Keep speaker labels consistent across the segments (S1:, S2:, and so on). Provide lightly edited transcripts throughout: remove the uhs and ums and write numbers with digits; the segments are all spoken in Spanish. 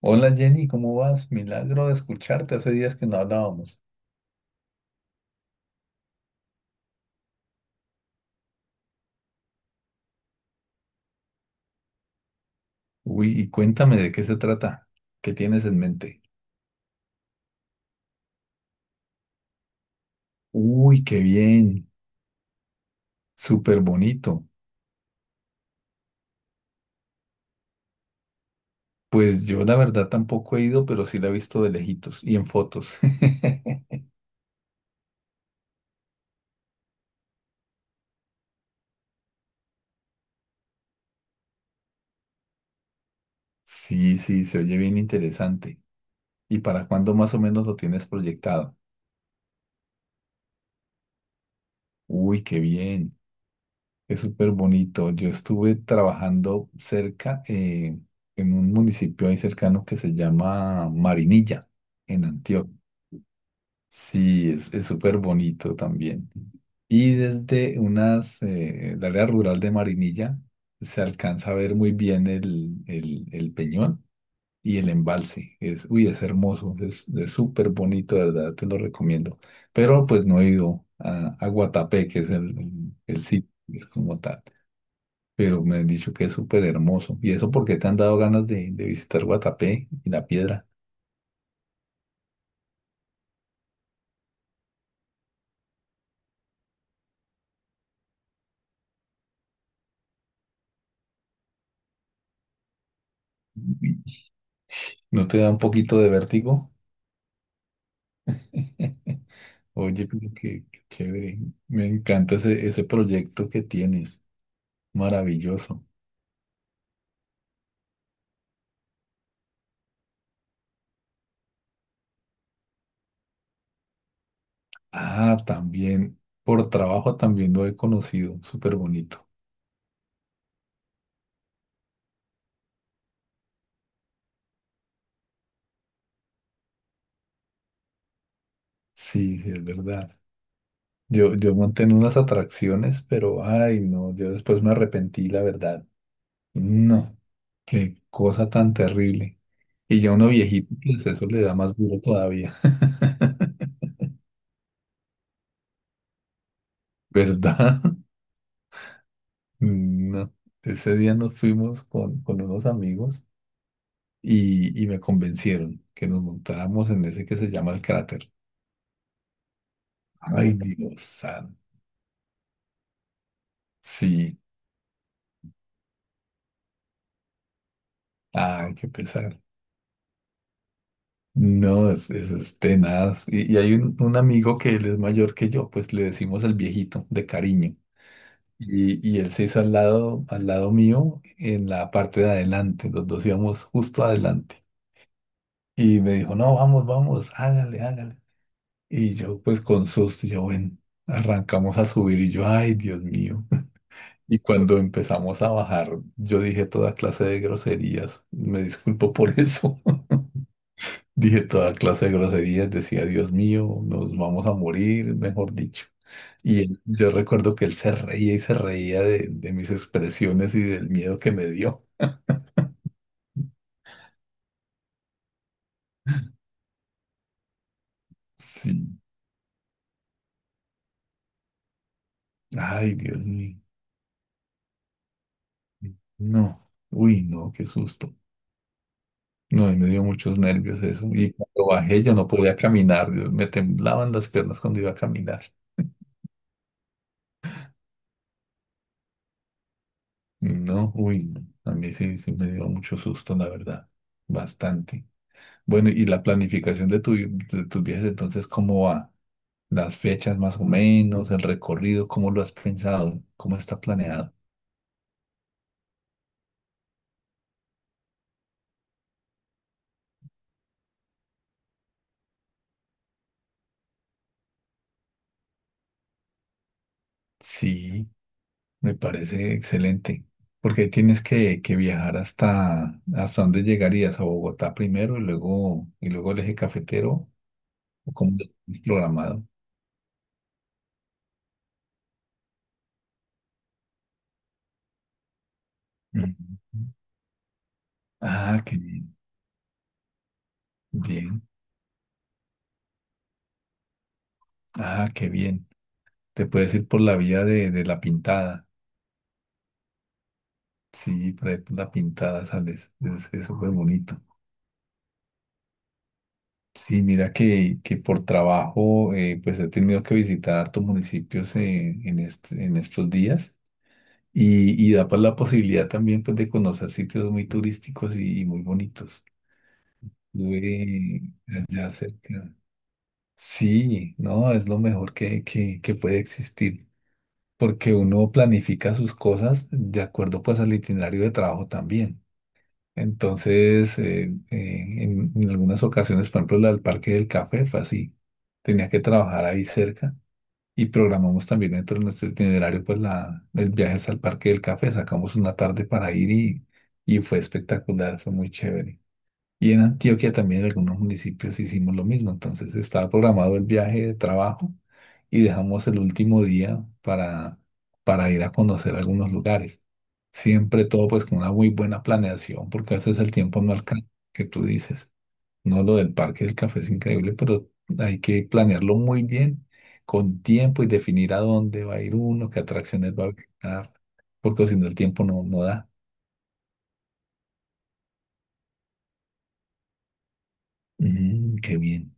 S1: Hola Jenny, ¿cómo vas? Milagro de escucharte, hace días que no hablábamos. Uy, y cuéntame de qué se trata, qué tienes en mente. Uy, qué bien, súper bonito. Pues yo la verdad tampoco he ido, pero sí la he visto de lejitos y en fotos. Sí, sí, se oye bien interesante. ¿Y para cuándo más o menos lo tienes proyectado? Uy, qué bien. Es súper bonito. Yo estuve trabajando cerca, en un municipio ahí cercano que se llama Marinilla, en Antioquia. Sí, es súper bonito también. Y desde unas, el área rural de Marinilla se alcanza a ver muy bien el peñón y el embalse. Uy, es hermoso, es súper bonito, de verdad, te lo recomiendo. Pero pues no he ido a Guatapé, que es el sitio, es como tal, pero me han dicho que es súper hermoso. ¿Y eso por qué te han dado ganas de visitar Guatapé y la piedra? ¿No te da un poquito de vértigo? Oye, pero qué chévere. Me encanta ese proyecto que tienes. Maravilloso. Ah, también, por trabajo también lo he conocido. Súper bonito. Sí, sí, es verdad. Yo monté en unas atracciones, pero ay, no, yo después me arrepentí, la verdad. No, qué cosa tan terrible. Y ya uno viejito, pues eso le da más duro todavía. ¿Verdad? No. Ese día nos fuimos con unos amigos y me convencieron que nos montáramos en ese que se llama el cráter. Ay, Dios santo. Sí, ay, qué pesar. No, eso es tenaz. Y hay un amigo que él es mayor que yo, pues le decimos el viejito de cariño. Y él se hizo al lado mío, en la parte de adelante. Los dos íbamos justo adelante. Y me dijo, no, vamos, vamos, hágale, hágale. Y yo, pues con susto, yo, bueno, arrancamos a subir y yo, ay, Dios mío. Y cuando empezamos a bajar, yo dije toda clase de groserías. Me disculpo por eso. Dije toda clase de groserías, decía, Dios mío, nos vamos a morir, mejor dicho. Yo recuerdo que él se reía y se reía de mis expresiones y del miedo que me dio. Sí. Ay, Dios mío. No. Uy, no, qué susto. No, y me dio muchos nervios eso. Y cuando bajé yo no podía caminar. Dios, me temblaban las piernas cuando iba a caminar. No, uy, no. A mí sí, sí me dio mucho susto, la verdad. Bastante. Bueno, y la planificación de tus viajes, entonces, ¿cómo va? Las fechas más o menos, el recorrido, ¿cómo lo has pensado? ¿Cómo está planeado? Sí, me parece excelente. Porque ahí tienes que viajar hasta dónde llegarías, a Bogotá primero y luego, el eje cafetero, o cómo lo tienes programado. Ujú. Ah, qué bien. Bien. Ah, qué bien. Te puedes ir por la vía de la pintada. Sí, por ahí por la pintada sales. Es súper bonito. Sí, mira que por trabajo pues he tenido que visitar hartos municipios en, en estos días y da pues la posibilidad también pues de conocer sitios muy turísticos y muy bonitos. Estuve allá cerca. Sí, no, es lo mejor que puede existir porque uno planifica sus cosas de acuerdo pues al itinerario de trabajo también. Entonces, en, algunas ocasiones, por ejemplo, la del Parque del Café fue así. Tenía que trabajar ahí cerca y programamos también dentro de nuestro itinerario, pues, el viaje hasta el Parque del Café. Sacamos una tarde para ir y fue espectacular, fue muy chévere. Y en Antioquia también en algunos municipios hicimos lo mismo. Entonces estaba programado el viaje de trabajo y dejamos el último día para ir a conocer algunos lugares. Siempre todo pues con una muy buena planeación, porque a veces el tiempo no alcanza, que tú dices. No, lo del parque del café es increíble, pero hay que planearlo muy bien, con tiempo y definir a dónde va a ir uno, qué atracciones va a visitar, porque si no el tiempo no da. Qué bien.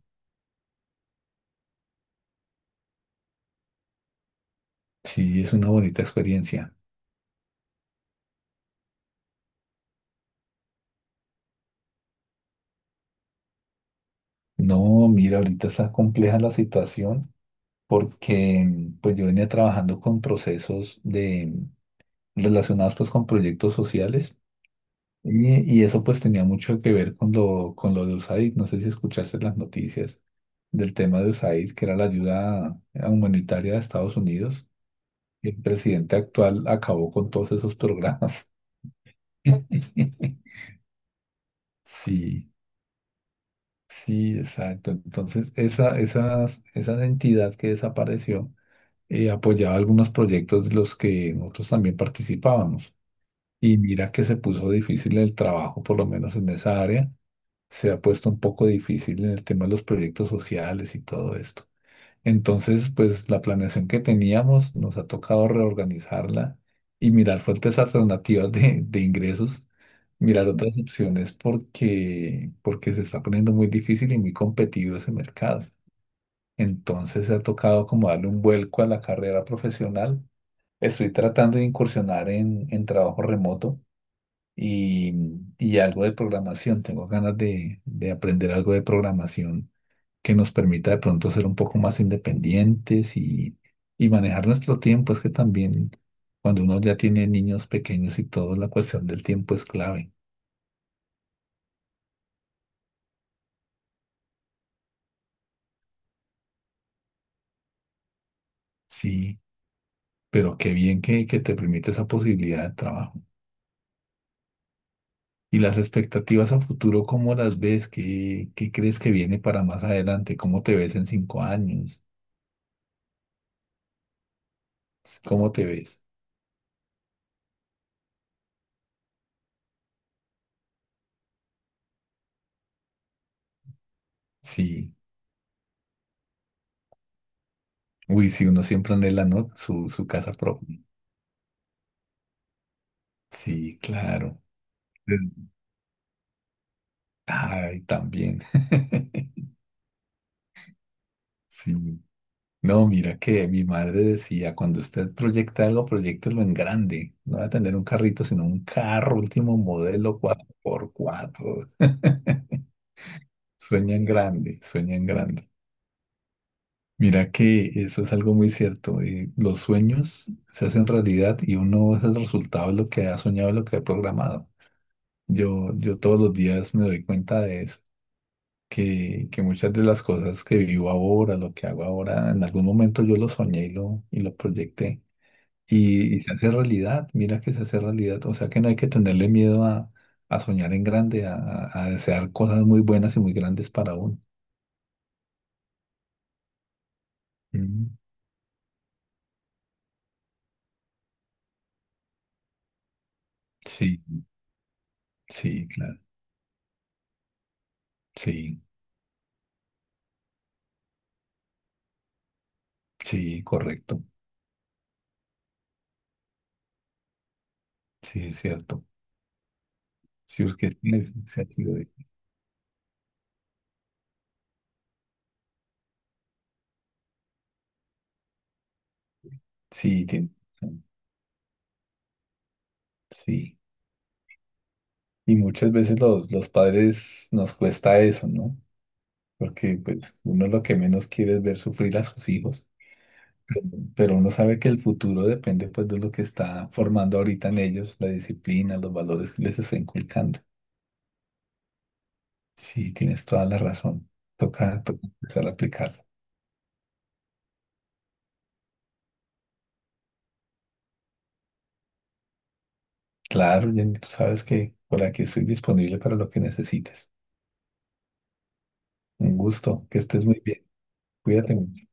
S1: Sí, es una bonita experiencia. No, mira, ahorita está compleja la situación porque pues yo venía trabajando con procesos de relacionados pues con proyectos sociales y eso pues tenía mucho que ver con lo de USAID. No sé si escuchaste las noticias del tema de USAID, que era la ayuda humanitaria de Estados Unidos. El presidente actual acabó con todos esos programas. Sí, sí, exacto. Entonces, esa entidad que desapareció apoyaba algunos proyectos de los que nosotros también participábamos. Y mira que se puso difícil el trabajo, por lo menos en esa área. Se ha puesto un poco difícil en el tema de los proyectos sociales y todo esto. Entonces, pues la planeación que teníamos nos ha tocado reorganizarla y mirar fuentes alternativas de ingresos, mirar otras opciones porque, porque se está poniendo muy difícil y muy competido ese mercado. Entonces, se ha tocado como darle un vuelco a la carrera profesional. Estoy tratando de incursionar en trabajo remoto y, y algo de programación. Tengo ganas de aprender algo de programación que nos permita de pronto ser un poco más independientes y manejar nuestro tiempo. Es que también cuando uno ya tiene niños pequeños y todo, la cuestión del tiempo es clave. Sí, pero qué bien que te permite esa posibilidad de trabajo. ¿Y las expectativas a futuro, cómo las ves? ¿Qué crees que viene para más adelante? ¿Cómo te ves en cinco años? ¿Cómo te ves? Sí. Uy, si uno siempre anhela, ¿no? Su casa propia. Sí, claro. Eh, Ay, también. Sí. No, mira que mi madre decía, cuando usted proyecta algo, proyectelo en grande. No va a tener un carrito, sino un carro último modelo cuatro por cuatro. Sueña en grande, sueña en grande. Mira que eso es algo muy cierto. Los sueños se hacen realidad y uno es el resultado de lo que ha soñado, y lo que ha programado. Yo todos los días me doy cuenta de eso, que muchas de las cosas que vivo ahora, lo que hago ahora, en algún momento yo lo soñé y lo proyecté. Y se hace realidad, mira que se hace realidad. O sea que no hay que tenerle miedo a soñar en grande, a, a desear cosas muy buenas y muy grandes para uno. Mm, sí, sí, claro. Sí, sí, correcto. Sí, es cierto. Sí, porque sí, sí, sí, sí, sí. Y muchas veces los padres nos cuesta eso, ¿no? Porque pues uno lo que menos quiere es ver sufrir a sus hijos, pero pero uno sabe que el futuro depende pues de lo que está formando ahorita en ellos, la disciplina, los valores que les está inculcando. Sí, tienes toda la razón. Toca empezar a aplicarlo. Claro, Jenny, tú sabes que por aquí estoy disponible para lo que necesites. Un gusto, que estés muy bien. Cuídate.